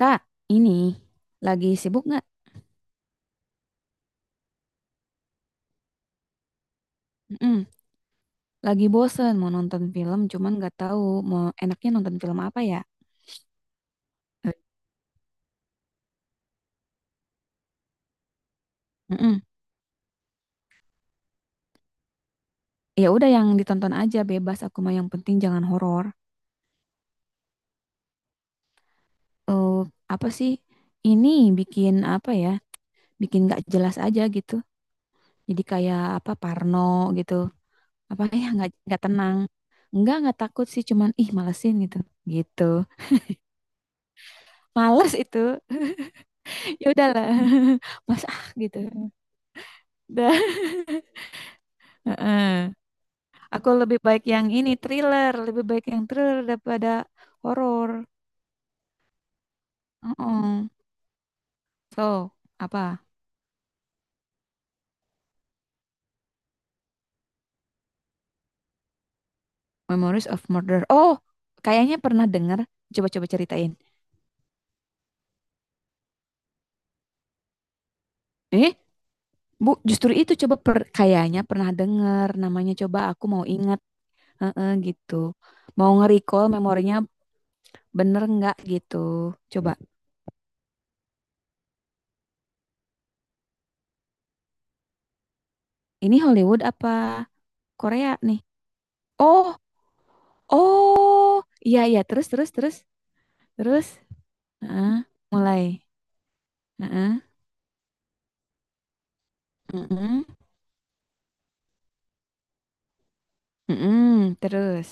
Kak, ini lagi sibuk nggak? Mm-mm. Lagi bosen mau nonton film, cuman nggak tahu mau enaknya nonton film apa ya. Mm-mm. Ya udah yang ditonton aja bebas. Aku mah yang penting jangan horor. Eh, apa sih? Ini bikin apa ya? Bikin nggak jelas aja gitu. Jadi kayak apa Parno gitu. Apa ya nggak tenang. Enggak, nggak takut sih, cuman ih malesin gitu. Gitu. Males itu. Ya udahlah. Mas ah gitu. Udah. Heeh. Aku lebih baik yang ini thriller, lebih baik yang thriller daripada horor. Heeh. So, apa? Memories of Murder. Oh, kayaknya pernah dengar. Coba-coba ceritain. Eh, Bu, justru itu kayaknya pernah dengar namanya coba aku mau ingat. Heeh, gitu. Mau nge-recall memorinya bener nggak gitu. Coba. Ini Hollywood apa Korea nih? Oh, oh. Iya, iya, terus terus terus. Terus. Heeh, mulai. Heeh. Mhm, mhm, terus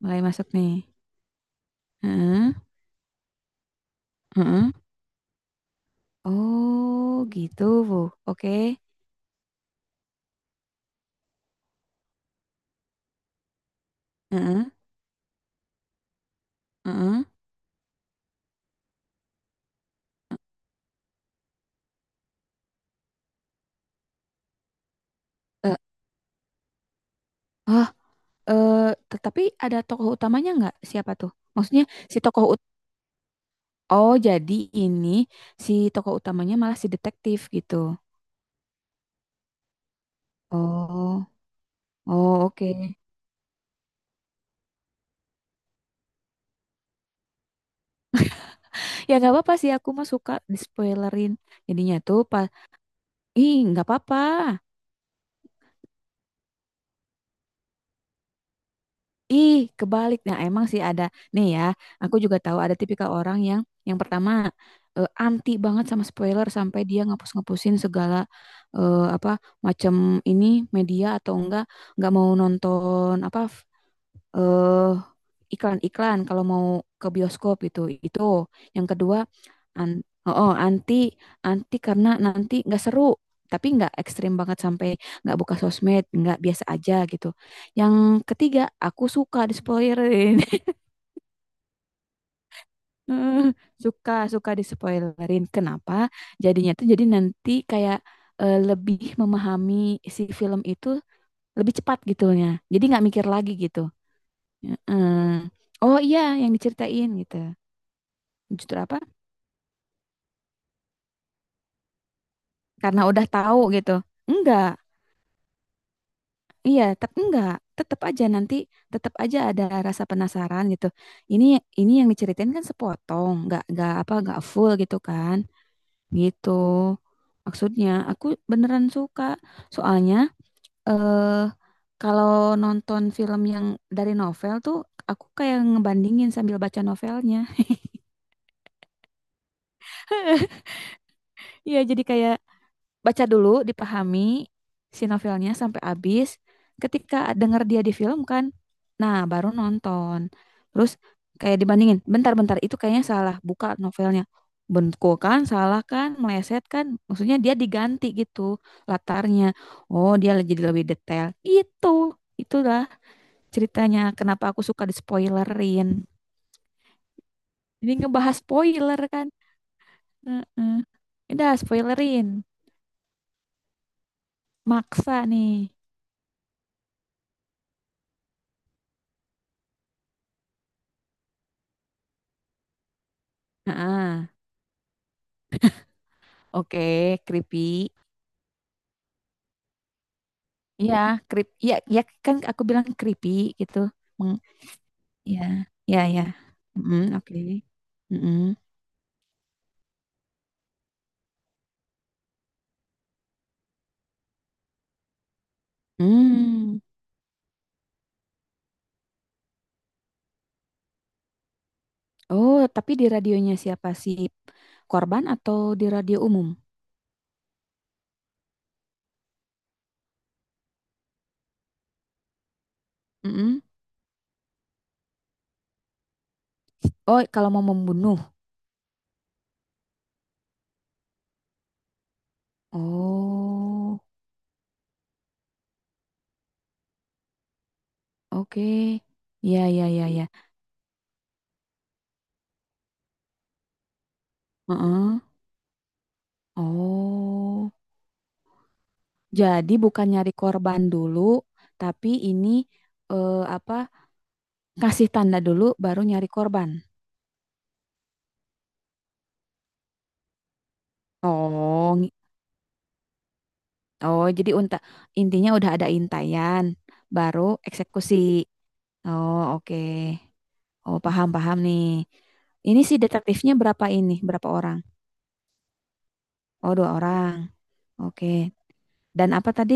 mulai masuk nih. Heeh, heeh. Oh, gitu. Oke. Heeh, heeh. Eh, ah, eh, tetapi ada tokoh utamanya nggak? Siapa tuh? Maksudnya si tokoh ut Oh, jadi ini si tokoh utamanya malah si detektif gitu. Oh, oh oke. Ya nggak apa-apa sih aku mah suka di spoilerin. Jadinya tuh pas, ih nggak apa-apa. Ih, kebalik. Nah, emang sih ada. Nih ya, aku juga tahu ada tipikal orang yang pertama anti banget sama spoiler sampai dia ngapus-ngapusin segala apa macam ini media atau enggak mau nonton apa eh iklan-iklan kalau mau ke bioskop gitu. Itu yang kedua an oh, oh, anti anti karena nanti nggak seru, tapi nggak ekstrim banget sampai nggak buka sosmed, nggak biasa aja gitu. Yang ketiga, aku suka dispoilerin. Suka suka dispoilerin. Kenapa? Jadinya tuh jadi nanti kayak lebih memahami si film itu lebih cepat gitunya. Jadi nggak mikir lagi gitu. Heeh. Oh iya, yang diceritain gitu. Justru apa? Karena udah tahu gitu. Enggak. Iya, tetap enggak. Tetap aja nanti tetap aja ada rasa penasaran gitu. Ini ini yang diceritain kan sepotong, enggak apa enggak full gitu kan. Gitu. Maksudnya aku beneran suka. Soalnya eh kalau nonton film yang dari novel tuh aku kayak ngebandingin sambil baca novelnya. Iya, jadi kayak baca dulu, dipahami si novelnya sampai habis. Ketika denger dia di film kan, nah baru nonton. Terus kayak dibandingin, bentar-bentar itu kayaknya salah, buka novelnya. Bentuk kan, salah kan, meleset kan. Maksudnya dia diganti gitu latarnya. Oh, dia jadi lebih detail. Itulah ceritanya kenapa aku suka di spoilerin. Ini ngebahas spoiler kan. Heeh. Udah spoilerin, maksa nih. Heeh. Oke, creepy. Iya, creep. Iya, ya kan aku bilang creepy gitu. Meng- ya, ya, ya. Mm, oke. Mm-mm. Hmm. Oh, tapi di radionya siapa sih? Korban atau di radio umum? Mm-mm. Oh, kalau mau membunuh. Oh, oke. Ya, ya, ya, ya. Heeh. Oh. Jadi bukan nyari korban dulu, tapi ini apa? Kasih tanda dulu, baru nyari korban. Oh, jadi intinya udah ada intayan, baru eksekusi. Oh, oke. Oh, paham paham nih. Ini si detektifnya berapa ini? Berapa orang? Oh, dua orang. Oke. Dan apa tadi?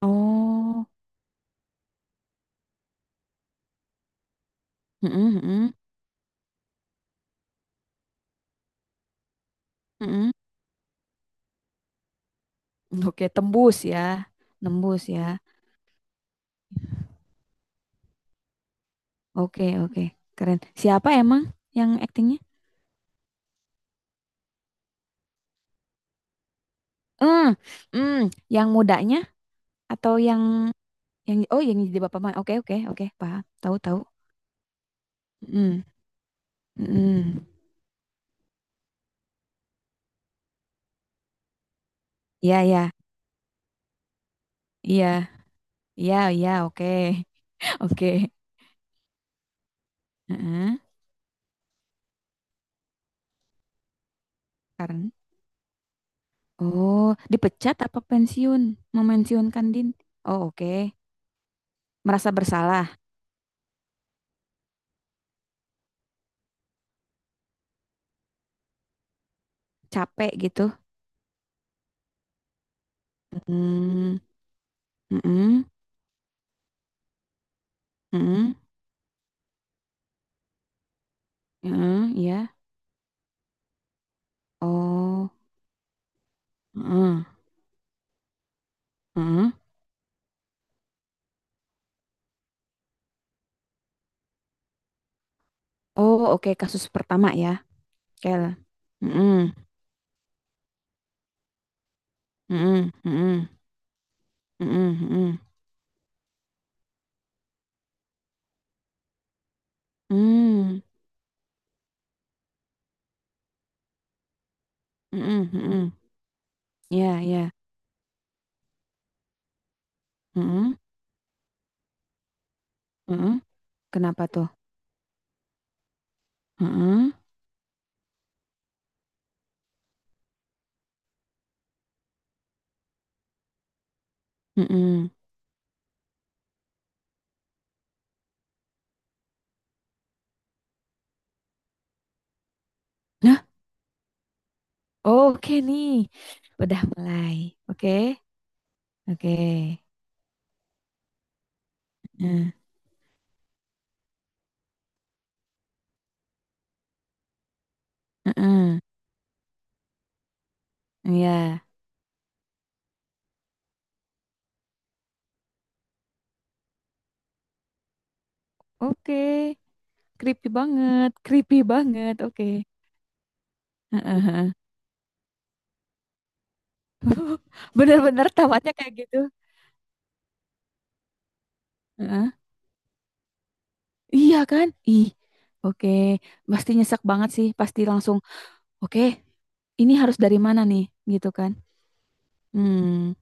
Oh, mm-mm, mm-mm, mm-mm. Oke, tembus ya. Nembus ya. Oke, oke. Keren. Siapa emang yang aktingnya? Hmm, hmm, yang mudanya atau yang oh yang jadi bapak mah. Oke, oke, oke. Paham. Tahu, tahu. Mhm, mhm. Iya iya. Iya. Iya iya, oke. Oke. Heeh. Karena oh, dipecat apa pensiun? Memensiunkan Din. Oh, oke. Merasa bersalah, capek gitu. Hmm. Heeh. Heeh. Heeh, iya. Oh. Heeh. Heeh. Oh, oke. Kasus pertama ya. Kel. Heeh. Heeh. Heeh. Heeh. Heeh. Hmm. Heeh. Heeh. Iya, iya. Heeh. Heeh. Kenapa tuh? Mhm, mhm. Nah, oke nih. Udah mulai. Oke. Oke. Heeh, heeh. Iya. Oke. Creepy banget, creepy banget. Oke. Heeh, heeh. Bener-bener tamatnya kayak gitu. Heeh. Iya kan? Ih. Oke. Pasti nyesek banget sih, pasti langsung. Oke, ini harus dari mana nih gitu kan. Hmm.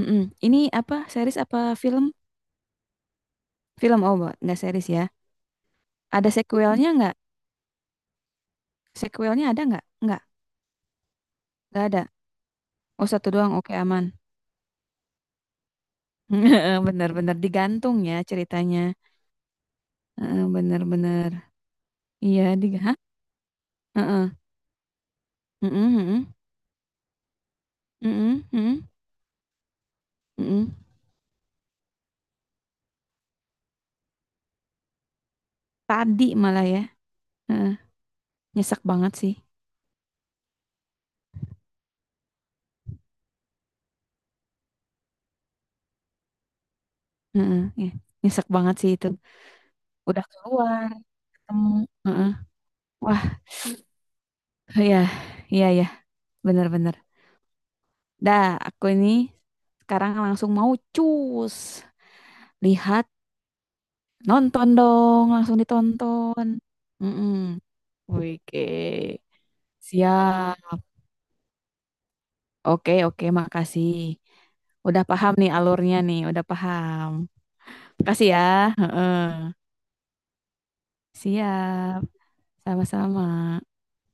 Mm-mm. Ini apa? Series apa film? Film oh, nggak series ya. Ada sequelnya nggak? Sequelnya ada nggak? Nggak ada. Oh satu doang, oke aman. Bener-bener digantung ya ceritanya. Heeh, bener-bener. Iya, Hah? Heeh. Mm-mm, mm-mm, mm-mm, mm-mm, mm-mm. Tadi malah ya. Heeh. Nyesek banget sih. Heeh, ya. Nyesek banget sih itu. Udah keluar, ketemu. Heeh. Wah, iya, iya, iya. Bener-bener. Dah, aku ini sekarang langsung mau cus. Lihat Nonton dong, langsung ditonton. Mm-mm. Oke, siap. Oke, oke, makasih. Udah paham nih alurnya nih, udah paham. Makasih ya. Heeh. Siap, sama-sama.